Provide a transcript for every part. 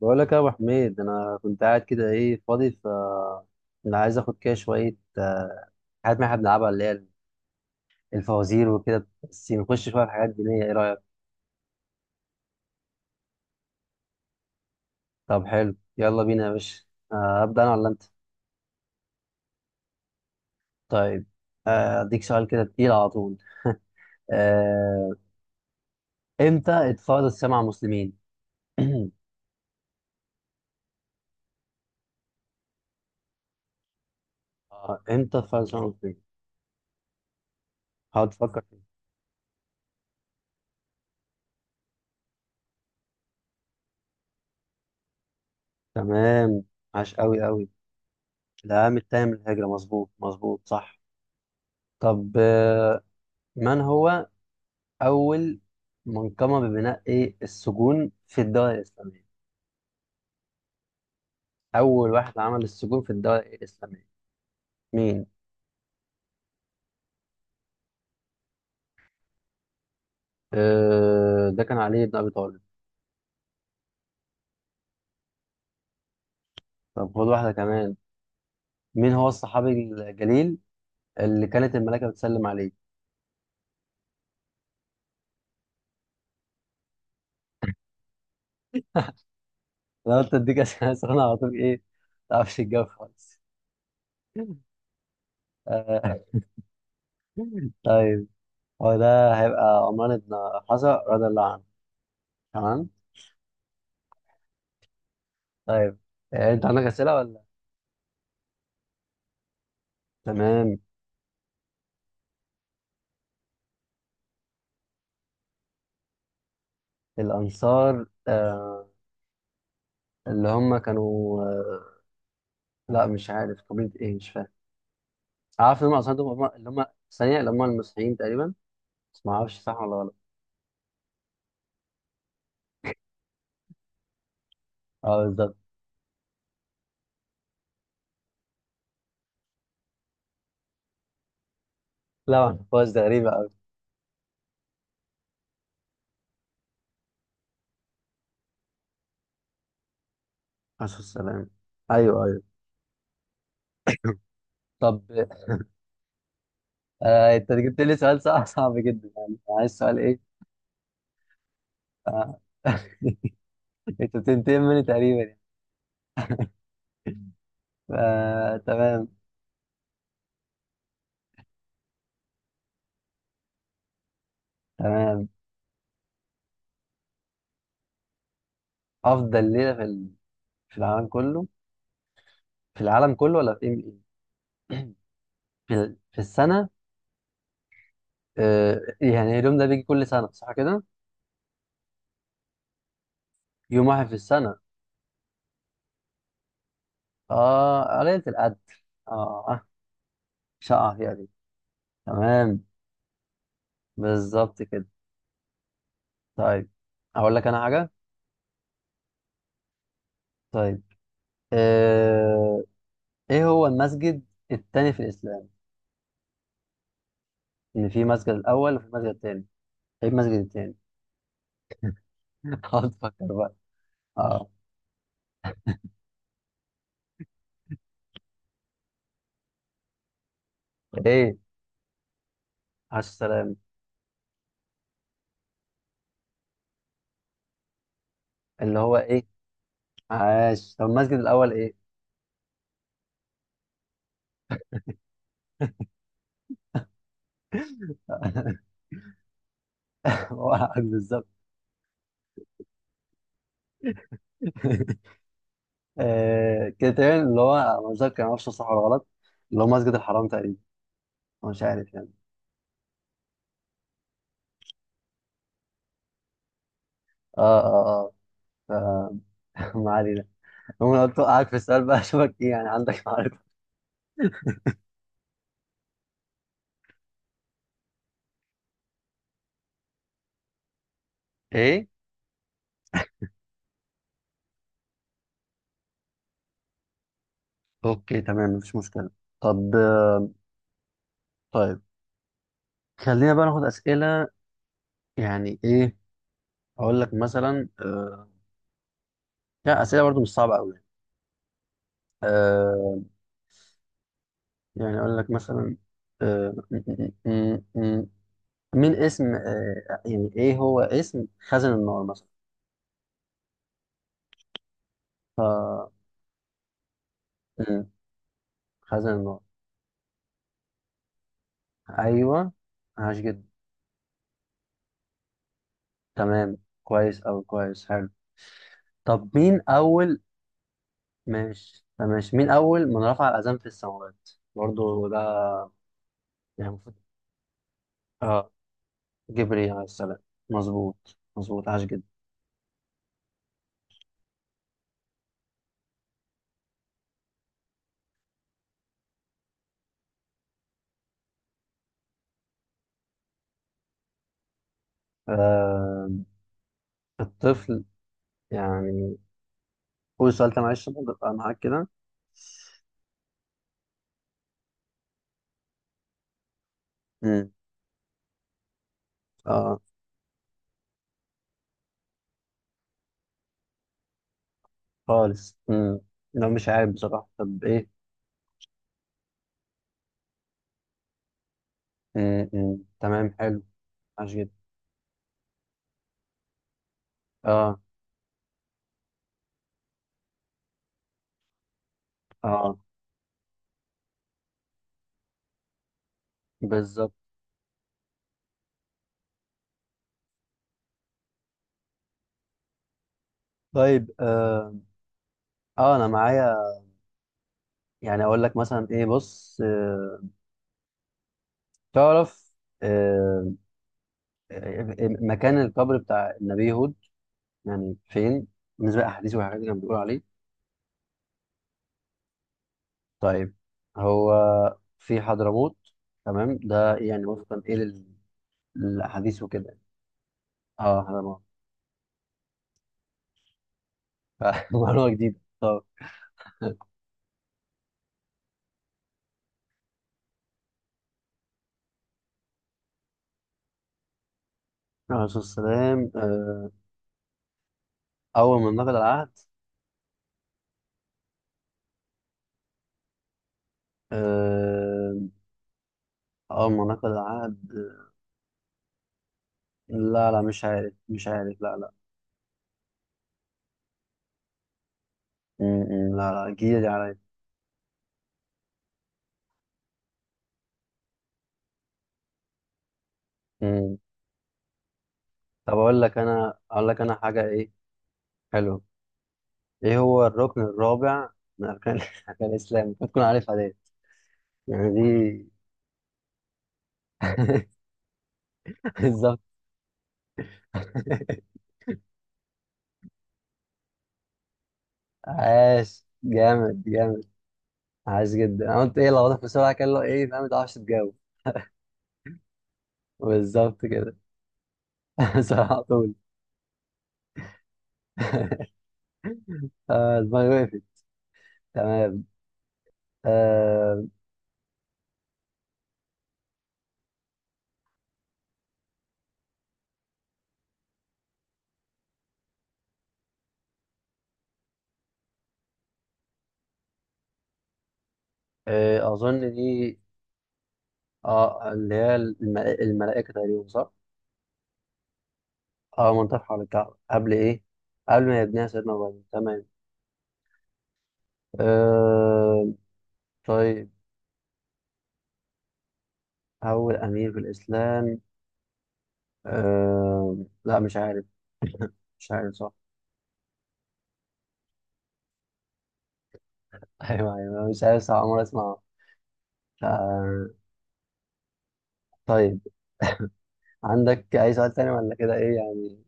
بقول لك يا ابو حميد، انا كنت قاعد كده، ايه، فاضي. انا عايز اخد كده شويه، حاجات ما احنا بنلعبها، اللي هي الفوازير وكده، بس نخش شويه في حاجات دينيه. ايه رايك؟ طب حلو، يلا بينا يا باشا. ابدا انا ولا انت؟ طيب. اديك سؤال كده تقيل على طول. آه، امتى اتفرض السمع على المسلمين؟ امتى اتفرض السمع على المسلمين؟ هقعد افكر فيه. تمام. عاش قوي قوي. العام التاني من الهجره، مظبوط مظبوط صح. طب من هو اول منظمه ببناء إيه؟ السجون في الدوله الاسلاميه. اول واحد عمل السجون في الدوله الاسلاميه مين؟ أه، ده كان علي بن ابي طالب. طب خد واحده كمان. مين هو الصحابي الجليل اللي كانت الملائكه بتسلم عليه؟ انا قلت اديك اسئله سخنه على طول، ايه، ما تعرفش الجو خالص. آه، طيب، هو ده هيبقى عمران بن حسن رضي الله عنه. تمام. طيب انت عندك اسئله ولا؟ تمام. الانصار، اللي هم كانوا، لا مش عارف قبيلة ايه، مش فاهم. عارف ان هم اصلا دول، هم اللي هم ثانية اللي هم المسيحيين تقريبا، بس ما اعرفش صح ولا غلط. اه بالظبط. لا ما اعرفهاش، ده غريبة قوي. عليه السلام. ايوه ايوه. طب انت جبت لي سؤال صعب صعب جدا يعني. عايز سؤال ايه؟ آه. انت بتنتقم مني تقريبا يعني. آه، تمام تمام. افضل ليلة في العالم كله. في العالم كله ولا في ايه؟ في السنة. آه، يعني اليوم ده بيجي كل سنة صح كده. يوم واحد في السنة. اه، قرية القدر. اه. آه، مش هقع فيها دي. تمام. بالظبط كده. طيب، اقول لك انا حاجة. طيب آه، ايه هو المسجد التاني في الاسلام؟ ان في مسجد الاول وفي مسجد التاني. ايه المسجد التاني؟ اقعد تفكر بقى. اه. ايه، عاش السلام. اللي هو ايه؟ عاش. طب المسجد الاول ايه؟ هو عاش بالظبط. كده تاني، اللي هو أنا مش فاكر، ما اعرفش صح ولا غلط. اللي هو مسجد الحرام تقريبا. أنا مش عارف يعني. اه اه اه، ما علينا. هو انا قلت اوقعك في السؤال بقى اشوفك ايه يعني، عندك معرفه ايه. اوكي تمام، مفيش مشكله. طب. طيب، خلينا بقى ناخد اسئله يعني ايه. اقول لك مثلا لا اسئله برضو مش صعبه قوي. آه... يعني اقول لك مثلا. آه... م- م- م- م- مين اسم يعني ايه هو اسم خزن النار مثلا؟ ف م- خزن النار. ايوه، عاش جدا. تمام، كويس او كويس، حلو. طب مين اول؟ ماشي ماشي. مين أول من رفع الأذان في السماوات؟ برضو ده يعني المفروض. اه، جبريل عليه السلام. مظبوط مظبوط، عاش جدا. آه... الطفل يعني. قول السؤال ده معلش عشان أبقى معاك كده. مم. اه، خالص مم. لو مش عارف بصراحة. طب ايه؟ مم. مم. تمام حلو. عاش جدا. اه، اه بالظبط. طيب أنا معايا. يعني أقول لك مثلا ايه. بص تعرف آه، مكان القبر بتاع النبي هود يعني فين، بالنسبة للأحاديث والحاجات اللي كانوا بيقولوا عليه؟ طيب، هو في حضرموت. تمام. ده يعني وفقا إيه للأحاديث وكده. اه، حضرموت. معلومة جديدة. طب. الرسول صلى الله عليه وسلم أول ما نقض العهد آه، أول ما نقض العهد لا لا، مش عارف، مش عارف، لا لا. م- م، لا لا، جديدة دي عليا. م. طب أقول لك أنا، أقول لك أنا حاجة إيه حلوة. ايه هو الركن الرابع من اركان اركان الاسلام؟ المفروض تكون عارفها دي، يعني دي. بالظبط. عاش جامد جامد. عاش جدا. انا قلت ايه لو واضح بسرعه كان له ايه فاهم، ما تعرفش تجاوب. بالظبط كده. بسرعه على طول. دماغي وقفت. تمام. آه، اظن دي. اه، اللي هي الملائكه تقريبا صح؟ اه، منطقه حول الكعبه قبل ايه؟ قبل ما يبنيها سيدنا ابراهيم. تمام. آه، طيب، أول أمير في الإسلام؟ أه... لا مش عارف، مش عارف صح. أيوه أيوه، مش عارف صح، عمري أسمع. أه... طيب، عندك أي سؤال تاني ولا كده إيه يعني؟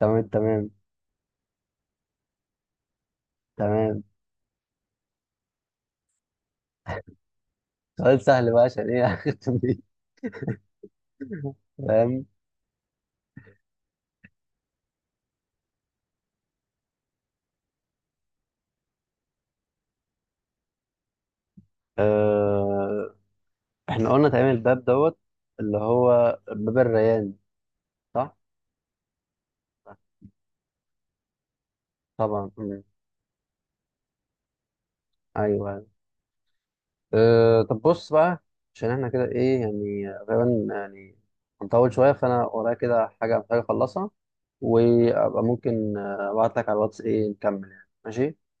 تمام تمام تمام. سؤال سهل بقى عشان إيه أختم بيه. فاهم. أه... إحنا قلنا تقريبا الباب دوت، اللي هو باب الريان صح؟ طبعا مم. أيوه. طب بص بقى، عشان إحنا كده إيه يعني، غالبا يعني هنطول شوية، فأنا ورايا كده حاجة محتاج أخلصها، وابقى ممكن ابعت لك على الواتس ايه نكمل يعني، ماشي؟